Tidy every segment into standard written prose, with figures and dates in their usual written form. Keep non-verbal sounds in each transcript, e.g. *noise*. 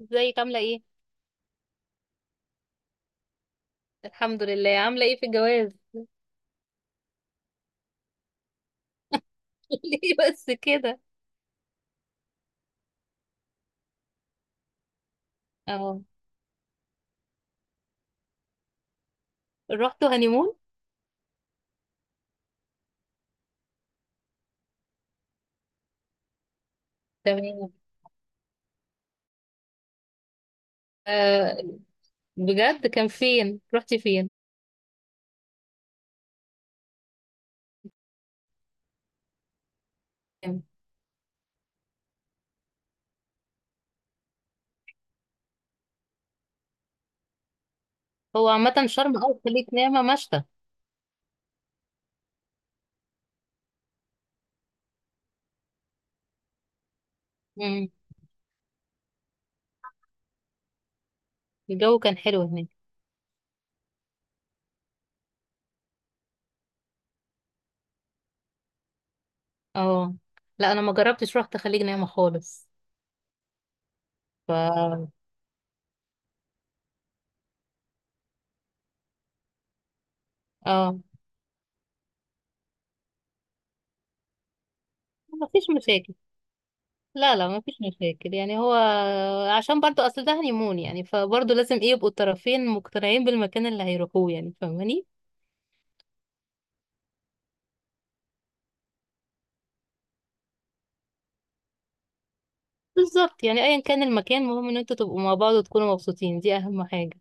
ازيك عاملة ايه؟ الحمد لله عاملة ايه في الجواز؟ *laughs* ليه بس كده؟ اه، رحتوا هانيمون؟ تمام. آه بجد كان فين؟ رحتي فين؟ تمام. هو عامة شرم أو خليج نعمة مشتى؟ مم. الجو كان حلو هناك؟ اه. لا، أنا ما جربتش رحت خليج نعمة خالص. ف اه، ما فيش مشاكل. لا لا، ما فيش مشاكل، يعني هو عشان برضو أصل ده هانيمون، يعني فبرضو لازم ايه يبقوا الطرفين مقتنعين بالمكان اللي هيروحوه، يعني فاهماني؟ بالظبط، يعني ايا كان المكان، المهم ان انتوا تبقوا مع بعض وتكونوا مبسوطين، دي اهم حاجة.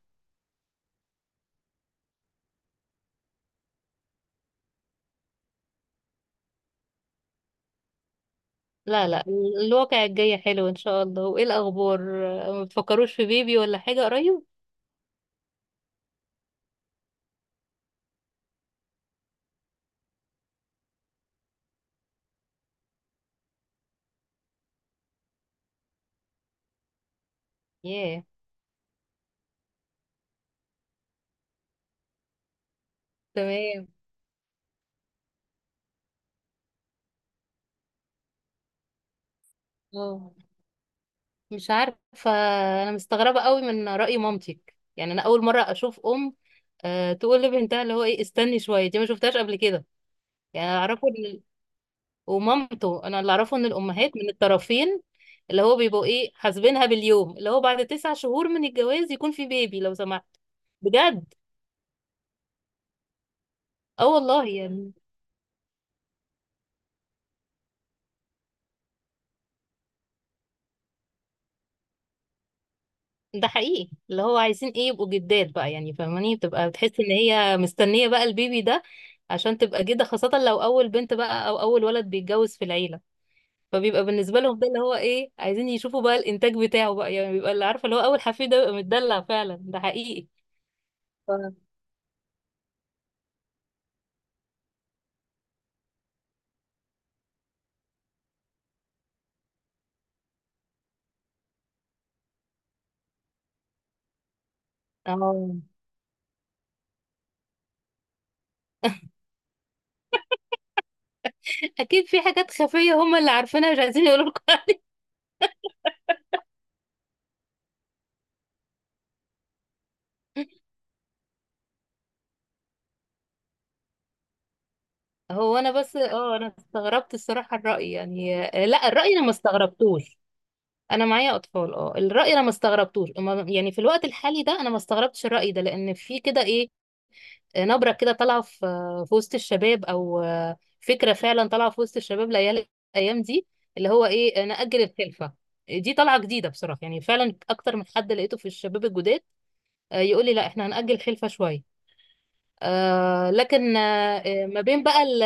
لا لا، الواقع الجاي حلو ان شاء الله. وايه الاخبار؟ آه، ما بتفكروش في بيبي ولا حاجة قريب؟ ياه. تمام. اه، مش عارفة. انا مستغربة قوي من رأي مامتك، يعني انا اول مرة اشوف ام تقول لبنتها اللي هو ايه، استني شوية. دي ما شفتهاش قبل كده. يعني اعرفه. ومامته، انا اللي اعرفه ان الامهات من الطرفين اللي هو بيبقوا ايه، حاسبينها باليوم، اللي هو بعد 9 شهور من الجواز يكون في بيبي لو سمحت. بجد. اه، والله يعني، ده حقيقي. اللي هو عايزين ايه يبقوا جدات بقى، يعني فاهماني، بتبقى بتحس ان هي مستنية بقى البيبي ده، عشان تبقى جدة، خاصة لو اول بنت بقى او اول ولد بيتجوز في العيلة. فبيبقى بالنسبة لهم ده اللي هو ايه، عايزين يشوفوا بقى الانتاج بتاعه بقى، يعني بيبقى، اللي عارفة اللي هو، اول حفيد ده بيبقى متدلع فعلا. ده حقيقي. ف- اه. اكيد في حاجات خفيه هم اللي عارفينها مش عايزين يقولوا لكم. *laughs* هو انا بس انا استغربت الصراحه الراي، يعني لا، الراي انا ما استغربتوش. انا معايا اطفال. اه، الراي انا ما استغربتوش. يعني في الوقت الحالي ده انا ما استغربتش الراي ده، لان في كده ايه، نبره كده طالعه في في وسط الشباب، او فكره فعلا طالعه في وسط الشباب العيال الايام دي، اللي هو ايه نأجل الخلفه، دي طالعه جديده بصراحه، يعني فعلا اكتر من حد لقيته في الشباب الجداد يقول لي لا احنا هنأجل خلفه شويه. لكن ما بين بقى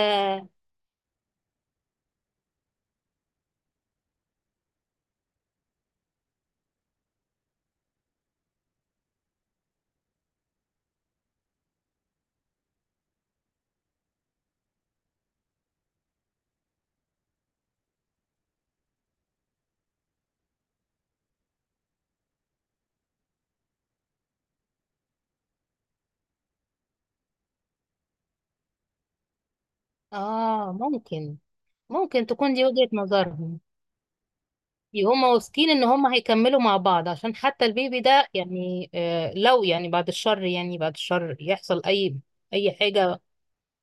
اه، ممكن. ممكن تكون دي وجهة نظرهم. هما واثقين ان هما هيكملوا مع بعض، عشان حتى البيبي ده، يعني لو يعني، بعد الشر، يعني بعد الشر، يحصل اي اي حاجة،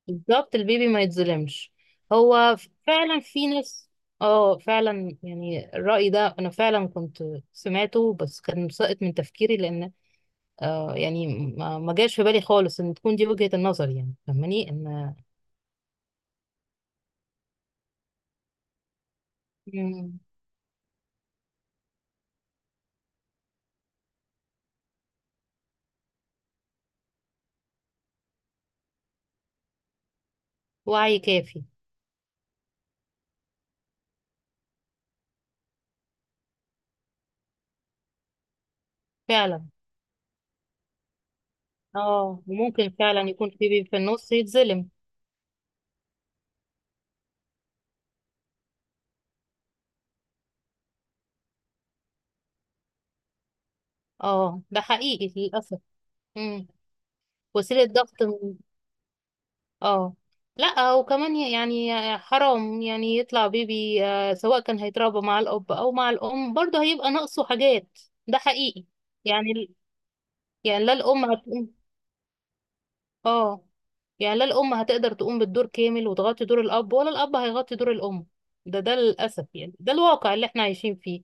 بالظبط البيبي ما يتظلمش. هو فعلا في ناس. اه، فعلا، يعني الرأي ده انا فعلا كنت سمعته، بس كان ساقط من تفكيري، لان يعني ما جاش في بالي خالص ان تكون دي وجهة النظر، يعني فاهماني ان... مم. وعي كافي. فعلا. اه وممكن فعلا يكون في بيبي في النص يتظلم. اه، ده حقيقي للأسف. مم. وسيلة ضغط اه. لا وكمان يعني حرام، يعني يطلع بيبي سواء كان هيتربى مع الأب أو مع الأم، برضه هيبقى ناقصه حاجات. ده حقيقي. يعني يعني لا الأم هتقوم. اه، يعني لا الأم هتقدر تقوم بالدور كامل وتغطي دور الأب، ولا الأب هيغطي دور الأم. ده للأسف، يعني ده الواقع اللي احنا عايشين فيه.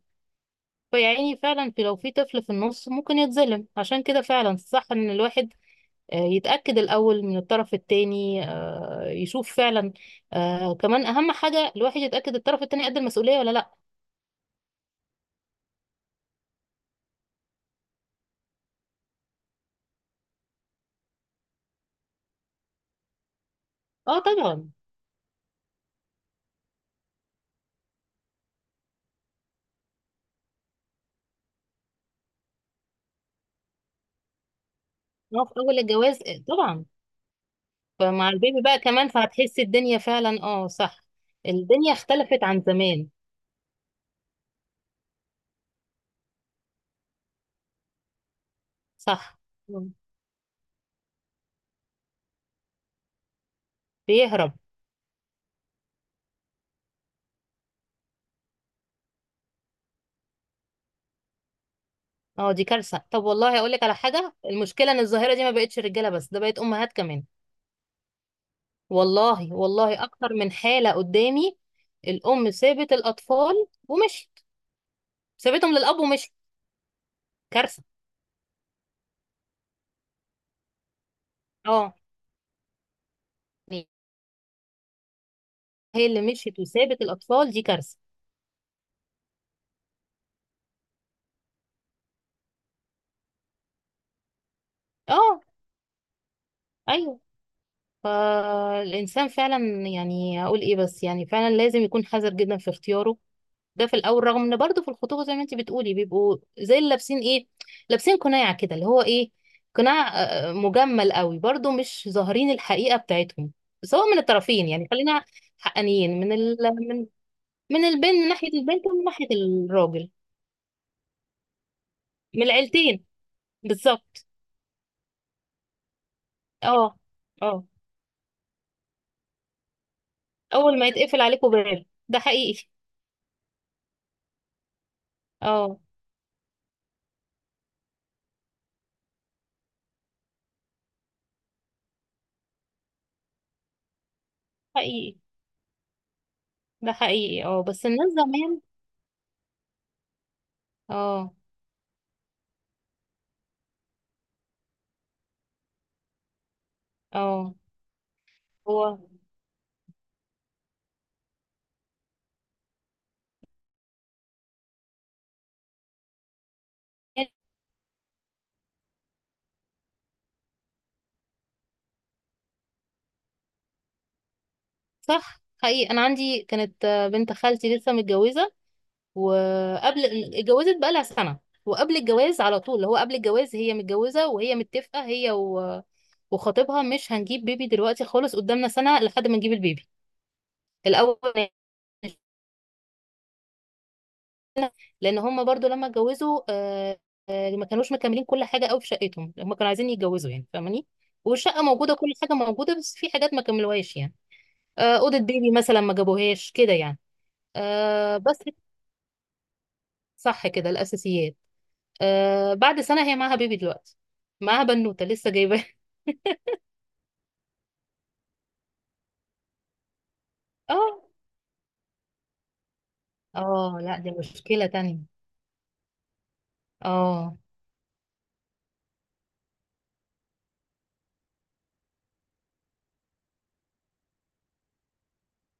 فيعني فعلا، في لو في طفل في النص ممكن يتظلم، عشان كده فعلا صح ان الواحد يتأكد الأول من الطرف التاني، يشوف فعلا، كمان أهم حاجة الواحد يتأكد الطرف التاني قد المسؤولية ولا لأ. اه طبعا. اه، في أول الجواز طبعا. فمع البيبي بقى كمان فهتحس الدنيا فعلا. اه صح. الدنيا اختلفت عن زمان. صح. مم. بيهرب. اه، دي كارثة. طب والله أقول لك على حاجة، المشكلة ان الظاهرة دي ما بقتش رجالة بس، ده بقت أمهات كمان. والله، والله، اكتر من حالة قدامي. الام سابت الاطفال ومشت. سابتهم للاب ومشت. كارثة. اه، هي اللي مشيت وسابت الاطفال، دي كارثة. اه. ايوه. فالانسان فعلا، يعني هقول ايه، بس يعني فعلا لازم يكون حذر جدا في اختياره ده في الاول، رغم ان برضو في الخطوبه زي ما انت بتقولي بيبقوا زي اللي لابسين ايه، لابسين قناع كده، اللي هو ايه قناع. مجمل قوي برضو، مش ظاهرين الحقيقه بتاعتهم، سواء من الطرفين. يعني خلينا حقانيين، من البنت، من ناحيه البنت ومن ناحيه الراجل. من العيلتين. بالظبط. اه. اه، اول ما يتقفل عليكم باب، ده حقيقي. اه حقيقي. ده حقيقي. اه بس الناس زمان. اه، اه، هو صح حقيقي. انا عندي كانت بنت خالتي لسه متجوزه، وقبل... اتجوزت بقى لها سنه. وقبل الجواز على طول، اللي هو قبل الجواز هي متجوزه، وهي متفقه وخطيبها، مش هنجيب بيبي دلوقتي خالص، قدامنا سنه لحد ما نجيب البيبي الاول. لان هم برضو لما اتجوزوا ما كانوش مكملين كل حاجه قوي في شقتهم. هم كانوا عايزين يتجوزوا، يعني فاهماني؟ والشقه موجوده، كل حاجه موجوده، بس في حاجات ما كملوهاش، يعني اوضه بيبي مثلا ما جابوهاش كده، يعني بس. صح كده الاساسيات. آه بعد سنه هي معاها بيبي دلوقتي، معاها بنوته لسه جايباها. *laughs* اه، اه، لا دي مشكله تانية. اه،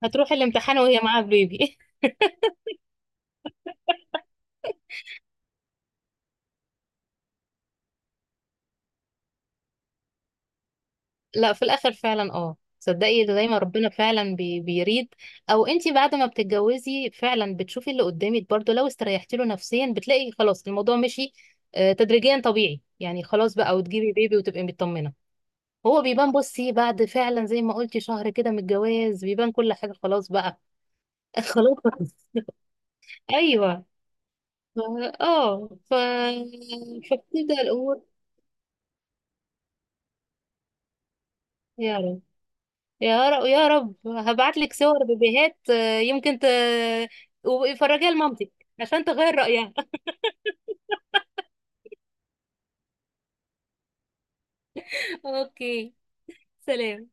هتروح الامتحان وهي معاها بيبي. *laughs* لا في الاخر فعلا. اه صدقي ده زي ما ربنا فعلا بيريد. او انتي بعد ما بتتجوزي فعلا بتشوفي اللي قدامك، برضو لو استريحتي له نفسيا بتلاقي خلاص الموضوع مشي. آه، تدريجيا طبيعي، يعني خلاص بقى وتجيبي بيبي وتبقي مطمنه. هو بيبان، بصي، بعد فعلا زي ما قلتي شهر كده من الجواز بيبان كل حاجة خلاص بقى. خلاص. ايوه. ف- اه. فبتبدا الامور. يا رب. يا رب، يا رب، هبعت لك صور بيبيهات يمكن وفرجيها لمامتك عشان تغير رايها. *laughs* اوكي. سلام.